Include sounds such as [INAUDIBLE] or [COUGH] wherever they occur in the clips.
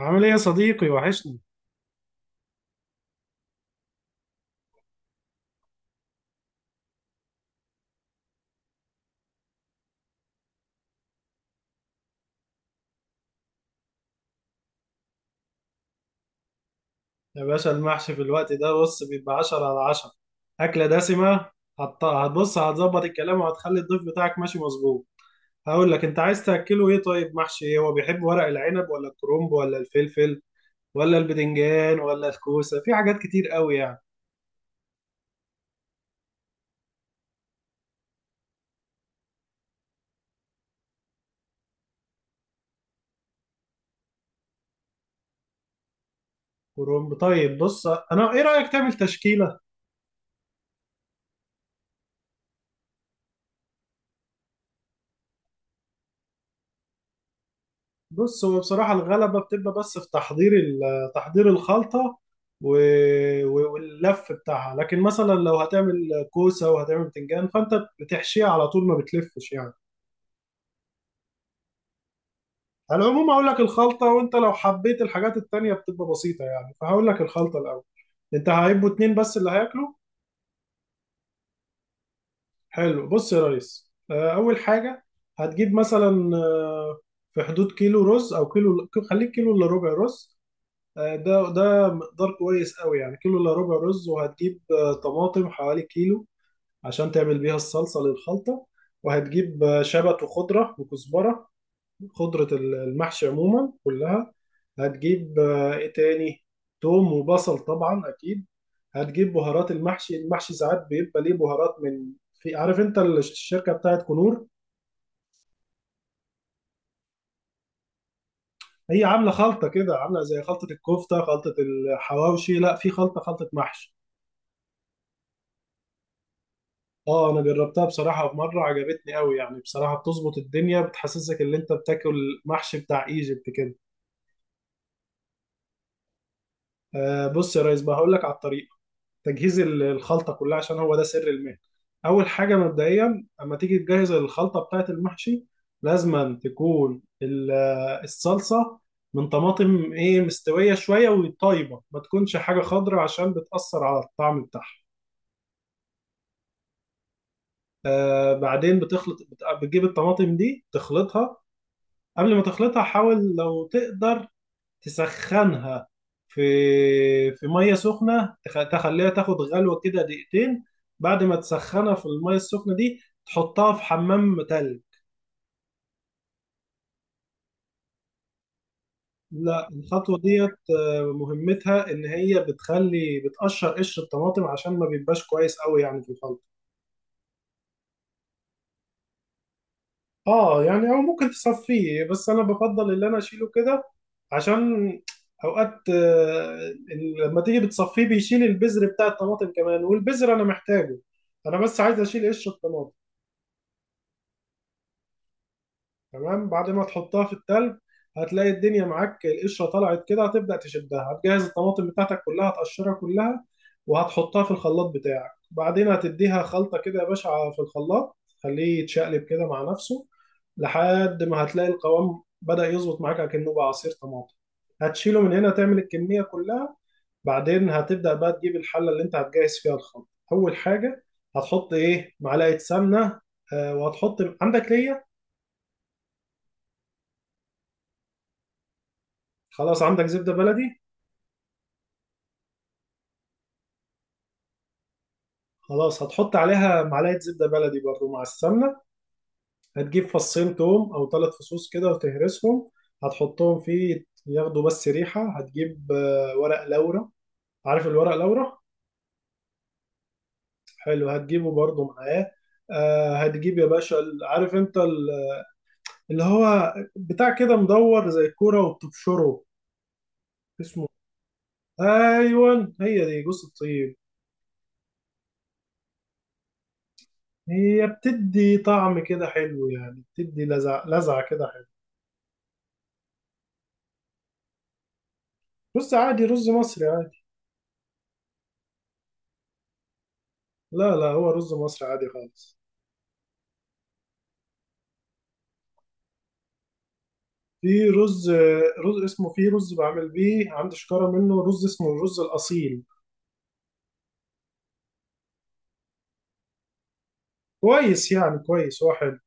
عامل ايه يا صديقي؟ وحشني. يا باشا المحشي في الوقت ده بص بيبقى 10 على 10. أكلة دسمة. هتبص، هتظبط الكلام وهتخلي الضيف بتاعك ماشي مظبوط. هقول لك انت عايز تأكله ايه. طيب محشي ايه؟ هو بيحب ورق العنب ولا الكرنب ولا الفلفل ولا البدنجان ولا الكوسة؟ في حاجات كتير قوي يعني. كرنب، طيب. بص انا ايه رأيك تعمل تشكيلة. بص هو بصراحة الغلبة بتبقى بس في تحضير تحضير الخلطة واللف بتاعها، لكن مثلا لو هتعمل كوسة وهتعمل بتنجان فأنت بتحشيها على طول ما بتلفش يعني. على العموم هقول لك الخلطة، وأنت لو حبيت الحاجات التانية بتبقى بسيطة يعني، فهقول لك الخلطة الأول. أنت هيبقوا اتنين بس اللي هياكلوا. حلو. بص يا ريس، أول حاجة هتجيب مثلا، في حدود كيلو رز، أو كيلو، خليك كيلو إلا ربع رز. ده مقدار كويس قوي يعني، كيلو الا ربع رز. وهتجيب طماطم حوالي كيلو عشان تعمل بيها الصلصة للخلطة. وهتجيب شبت وخضرة وكزبرة، خضرة المحشي عموما كلها. هتجيب ايه تاني؟ توم وبصل طبعا اكيد. هتجيب بهارات المحشي. المحشي ساعات بيبقى ليه بهارات من، في، عارف انت الشركة بتاعت كنور. هي عاملة خلطة كده، عاملة زي خلطة الكفتة، خلطة الحواوشي، لا في خلطة، خلطة محشي. اه انا جربتها بصراحه، في مره عجبتني قوي يعني بصراحه، بتظبط الدنيا، بتحسسك ان انت بتاكل محشي بتاع ايجيبت كده. آه بص يا ريس بقى، هقول لك على الطريقه. تجهيز الخلطه كلها عشان هو ده سر المهنه. اول حاجه مبدئيا اما تيجي تجهز الخلطه بتاعه المحشي، لازم تكون الصلصه من طماطم ايه، مستويه شويه وطيبه، ما تكونش حاجه خضراء عشان بتاثر على الطعم بتاعها. آه بعدين بتخلط، بتجيب الطماطم دي تخلطها. قبل ما تخلطها حاول لو تقدر تسخنها في في ميه سخنه، تخليها تاخد غلوه كده دقيقتين. بعد ما تسخنها في الميه السخنه دي، تحطها في حمام تلج. لا الخطوه ديت مهمتها ان هي بتخلي، بتقشر قشر الطماطم عشان ما بيبقاش كويس قوي يعني في الخلط. اه يعني، او ممكن تصفيه، بس انا بفضل اللي انا اشيله كده عشان اوقات لما تيجي بتصفيه بيشيل البذر بتاع الطماطم كمان، والبذر انا محتاجه، انا بس عايز اشيل قشر الطماطم. تمام، بعد ما تحطها في التلج، هتلاقي الدنيا معاك، القشرة طلعت كده، هتبدأ تشدها، هتجهز الطماطم بتاعتك كلها هتقشرها كلها وهتحطها في الخلاط بتاعك. بعدين هتديها خلطة كده يا باشا في الخلاط، خليه يتشقلب كده مع نفسه لحد ما هتلاقي القوام بدأ يظبط معاك كأنه بقى عصير طماطم. هتشيله من هنا، تعمل الكمية كلها. بعدين هتبدأ بقى تجيب الحلة اللي انت هتجهز فيها الخلطة. أول حاجة هتحط ايه، معلقة سمنة، وهتحط، عندك ليا؟ خلاص، عندك زبدة بلدي. خلاص هتحط عليها معلقة زبدة بلدي برضو مع السمنة. هتجيب فصين توم أو ثلاث فصوص كده وتهرسهم، هتحطهم فيه ياخدوا بس ريحة. هتجيب ورق لورا. عارف الورق لورا؟ حلو، هتجيبه برضو معاه. هتجيب يا باشا عارف انت اللي هو بتاع كده مدور زي الكورة وبتبشره، اسمه. ايوه هي دي جوز الطيب. هي بتدي طعم كده حلو يعني، بتدي لذعة كده. رز عادي، رز مصري عادي. لا هو رز مصري عادي خالص. في رز، رز اسمه، في رز بعمل بيه عندي شكارة منه، رز اسمه الرز الأصيل. كويس يعني، كويس هو حلو.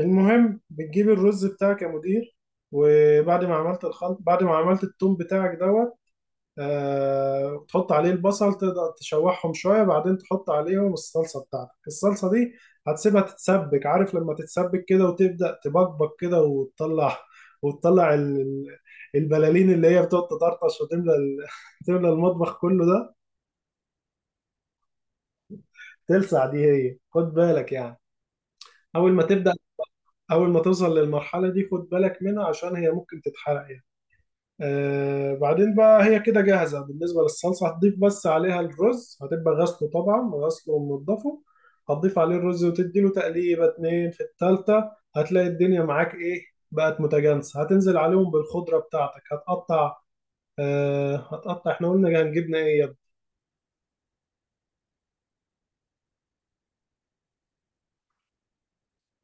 المهم بتجيب الرز بتاعك يا مدير، وبعد ما عملت الخلط، بعد ما عملت التوم بتاعك دوت، تحط عليه البصل، تقدر تشوحهم شوية، بعدين تحط عليهم الصلصة بتاعتك. الصلصة دي هتسيبها تتسبك. عارف لما تتسبك كده وتبدأ تبقبق كده، وتطلع [LAUGHS] وتطلع البلالين اللي هي بتقعد تطرطش وتملى [LAUGHS] تملى المطبخ كله ده. تلسع دي، هي خد بالك يعني. أول ما تبدأ، أول ما توصل للمرحلة دي خد بالك منها عشان هي ممكن تتحرق يعني. آه بعدين بقى هي كده جاهزة بالنسبة للصلصة. هتضيف بس عليها الرز، هتبقى غسله طبعا، غسله ومنضفه، هتضيف عليه الرز وتديله تقليبة اتنين في التالتة. هتلاقي الدنيا معاك ايه، بقت متجانسة. هتنزل عليهم بالخضرة بتاعتك، هتقطع، آه هتقطع، احنا قلنا هنجيبنا ايه يا ابني؟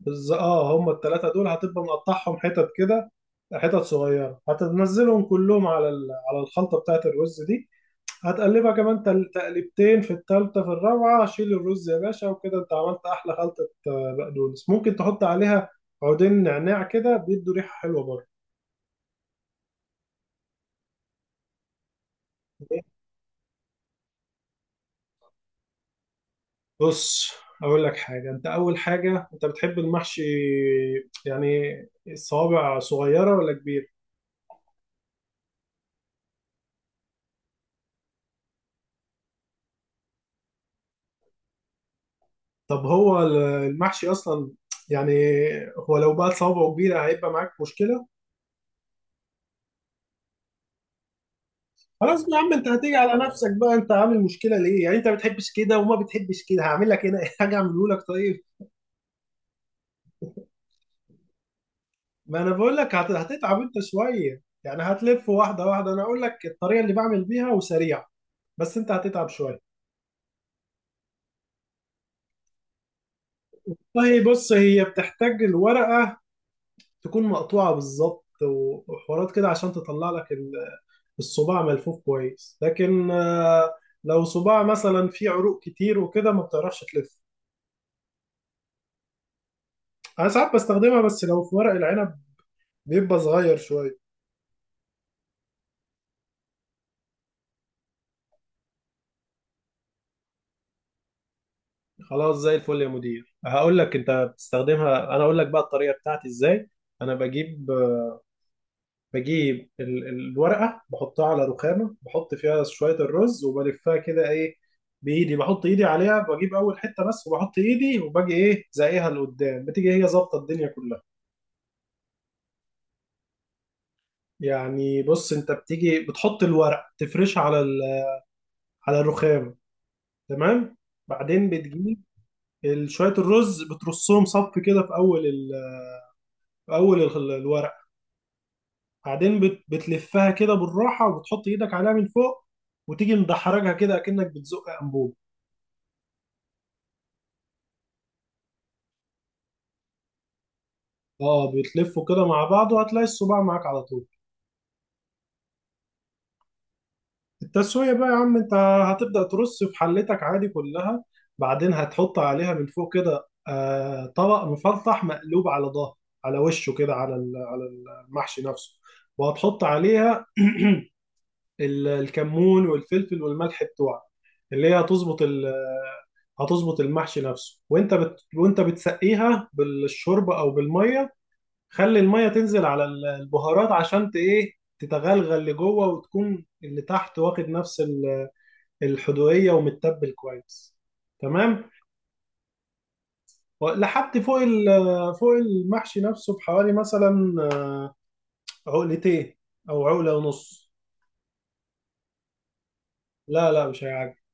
اه هم التلاتة دول هتبقى مقطعهم حتت كده، حتت صغيرة، هتنزلهم كلهم على على الخلطة بتاعت الرز دي. هتقلبها كمان، تقلبتين في التالتة في الرابعة، شيل الرز يا باشا. وكده انت عملت احلى خلطة. بقدونس ممكن تحط عليها عودين نعناع كده، بيدوا ريحة حلوة برضه. بص اقول لك حاجة، انت اول حاجة، انت بتحب المحشي يعني الصوابع صغيرة ولا كبير؟ طب هو المحشي اصلا يعني، هو لو بقى صوابعه كبيرة هيبقى معاك مشكلة. خلاص يا عم انت هتيجي على نفسك بقى، انت عامل مشكلة ليه يعني؟ انت بتحبش كده وما بتحبش كده. هعمل لك هنا [LAUGHS] حاجة، اعمله لك طيب. ما انا بقول لك هتتعب انت شويه يعني، هتلف واحده واحده. انا اقول لك الطريقه اللي بعمل بيها وسريعه، بس انت هتتعب شويه. طيب بص هي بتحتاج الورقه تكون مقطوعه بالظبط وحوارات كده عشان تطلع لك الصباع ملفوف كويس، لكن لو صباع مثلا فيه عروق كتير وكده ما بتعرفش تلف. انا ساعات بستخدمها بس لو في ورق العنب بيبقى صغير شويه. خلاص زي الفل يا مدير، هقول لك، انت بتستخدمها، انا اقول لك بقى الطريقه بتاعتي ازاي. انا بجيب، بجيب الورقة، بحطها على رخامة، بحط فيها شوية الرز وبلفها كده ايه، بإيدي، بحط إيدي عليها، بجيب أول حتة بس وبحط إيدي، وباجي إيه، زقيها لقدام، بتيجي هي ظابطة الدنيا كلها. يعني بص، أنت بتيجي بتحط الورق تفرش على على الرخام، تمام، بعدين بتجيب شوية الرز، بترصهم صف كده في أول في أول الورق، بعدين بتلفها كده بالراحة وبتحط إيدك عليها من فوق وتيجي مدحرجها كده أكنك بتزق أنبوب. اه بيتلفوا كده مع بعض، وهتلاقي الصباع معاك على طول. التسوية بقى يا عم، انت هتبدأ ترص في حلتك عادي كلها، بعدين هتحط عليها من فوق كده آه طبق مفلطح مقلوب على ظهر، على وشه كده، على على المحشي نفسه، وهتحط عليها [CLEARS THROAT] الكمون والفلفل والملح بتوعك، اللي هي هتظبط هتظبط المحشي نفسه. وانت وانت بتسقيها بالشوربة او بالمية، خلي المية تنزل على البهارات عشان ايه تتغلغل لجوه وتكون اللي تحت واخد نفس الحدوقية ومتبل كويس. تمام، لحد فوق فوق المحشي نفسه بحوالي مثلا عقلتين او عقلة ونص. لا مش هيعجبك.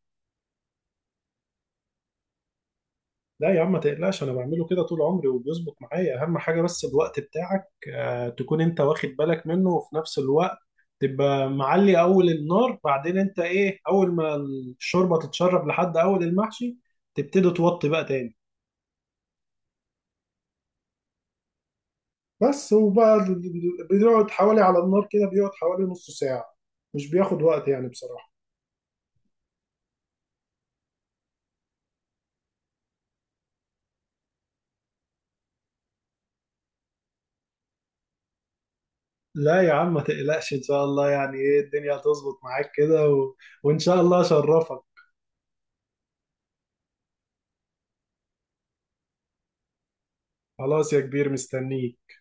لا يا عم ما تقلقش انا بعمله كده طول عمري وبيظبط معايا. اهم حاجه بس الوقت بتاعك، تكون انت واخد بالك منه. وفي نفس الوقت تبقى معلي اول النار، بعدين انت ايه، اول ما الشوربه تتشرب لحد اول المحشي، تبتدي توطي بقى تاني. بس، وبقى بيقعد حوالي على النار كده، بيقعد حوالي نص ساعه، مش بياخد وقت يعني بصراحه. لا يا عم ما تقلقش ان شاء الله يعني ايه، الدنيا هتظبط معاك كده و... وان شاء الله اشرفك. خلاص يا كبير مستنيك.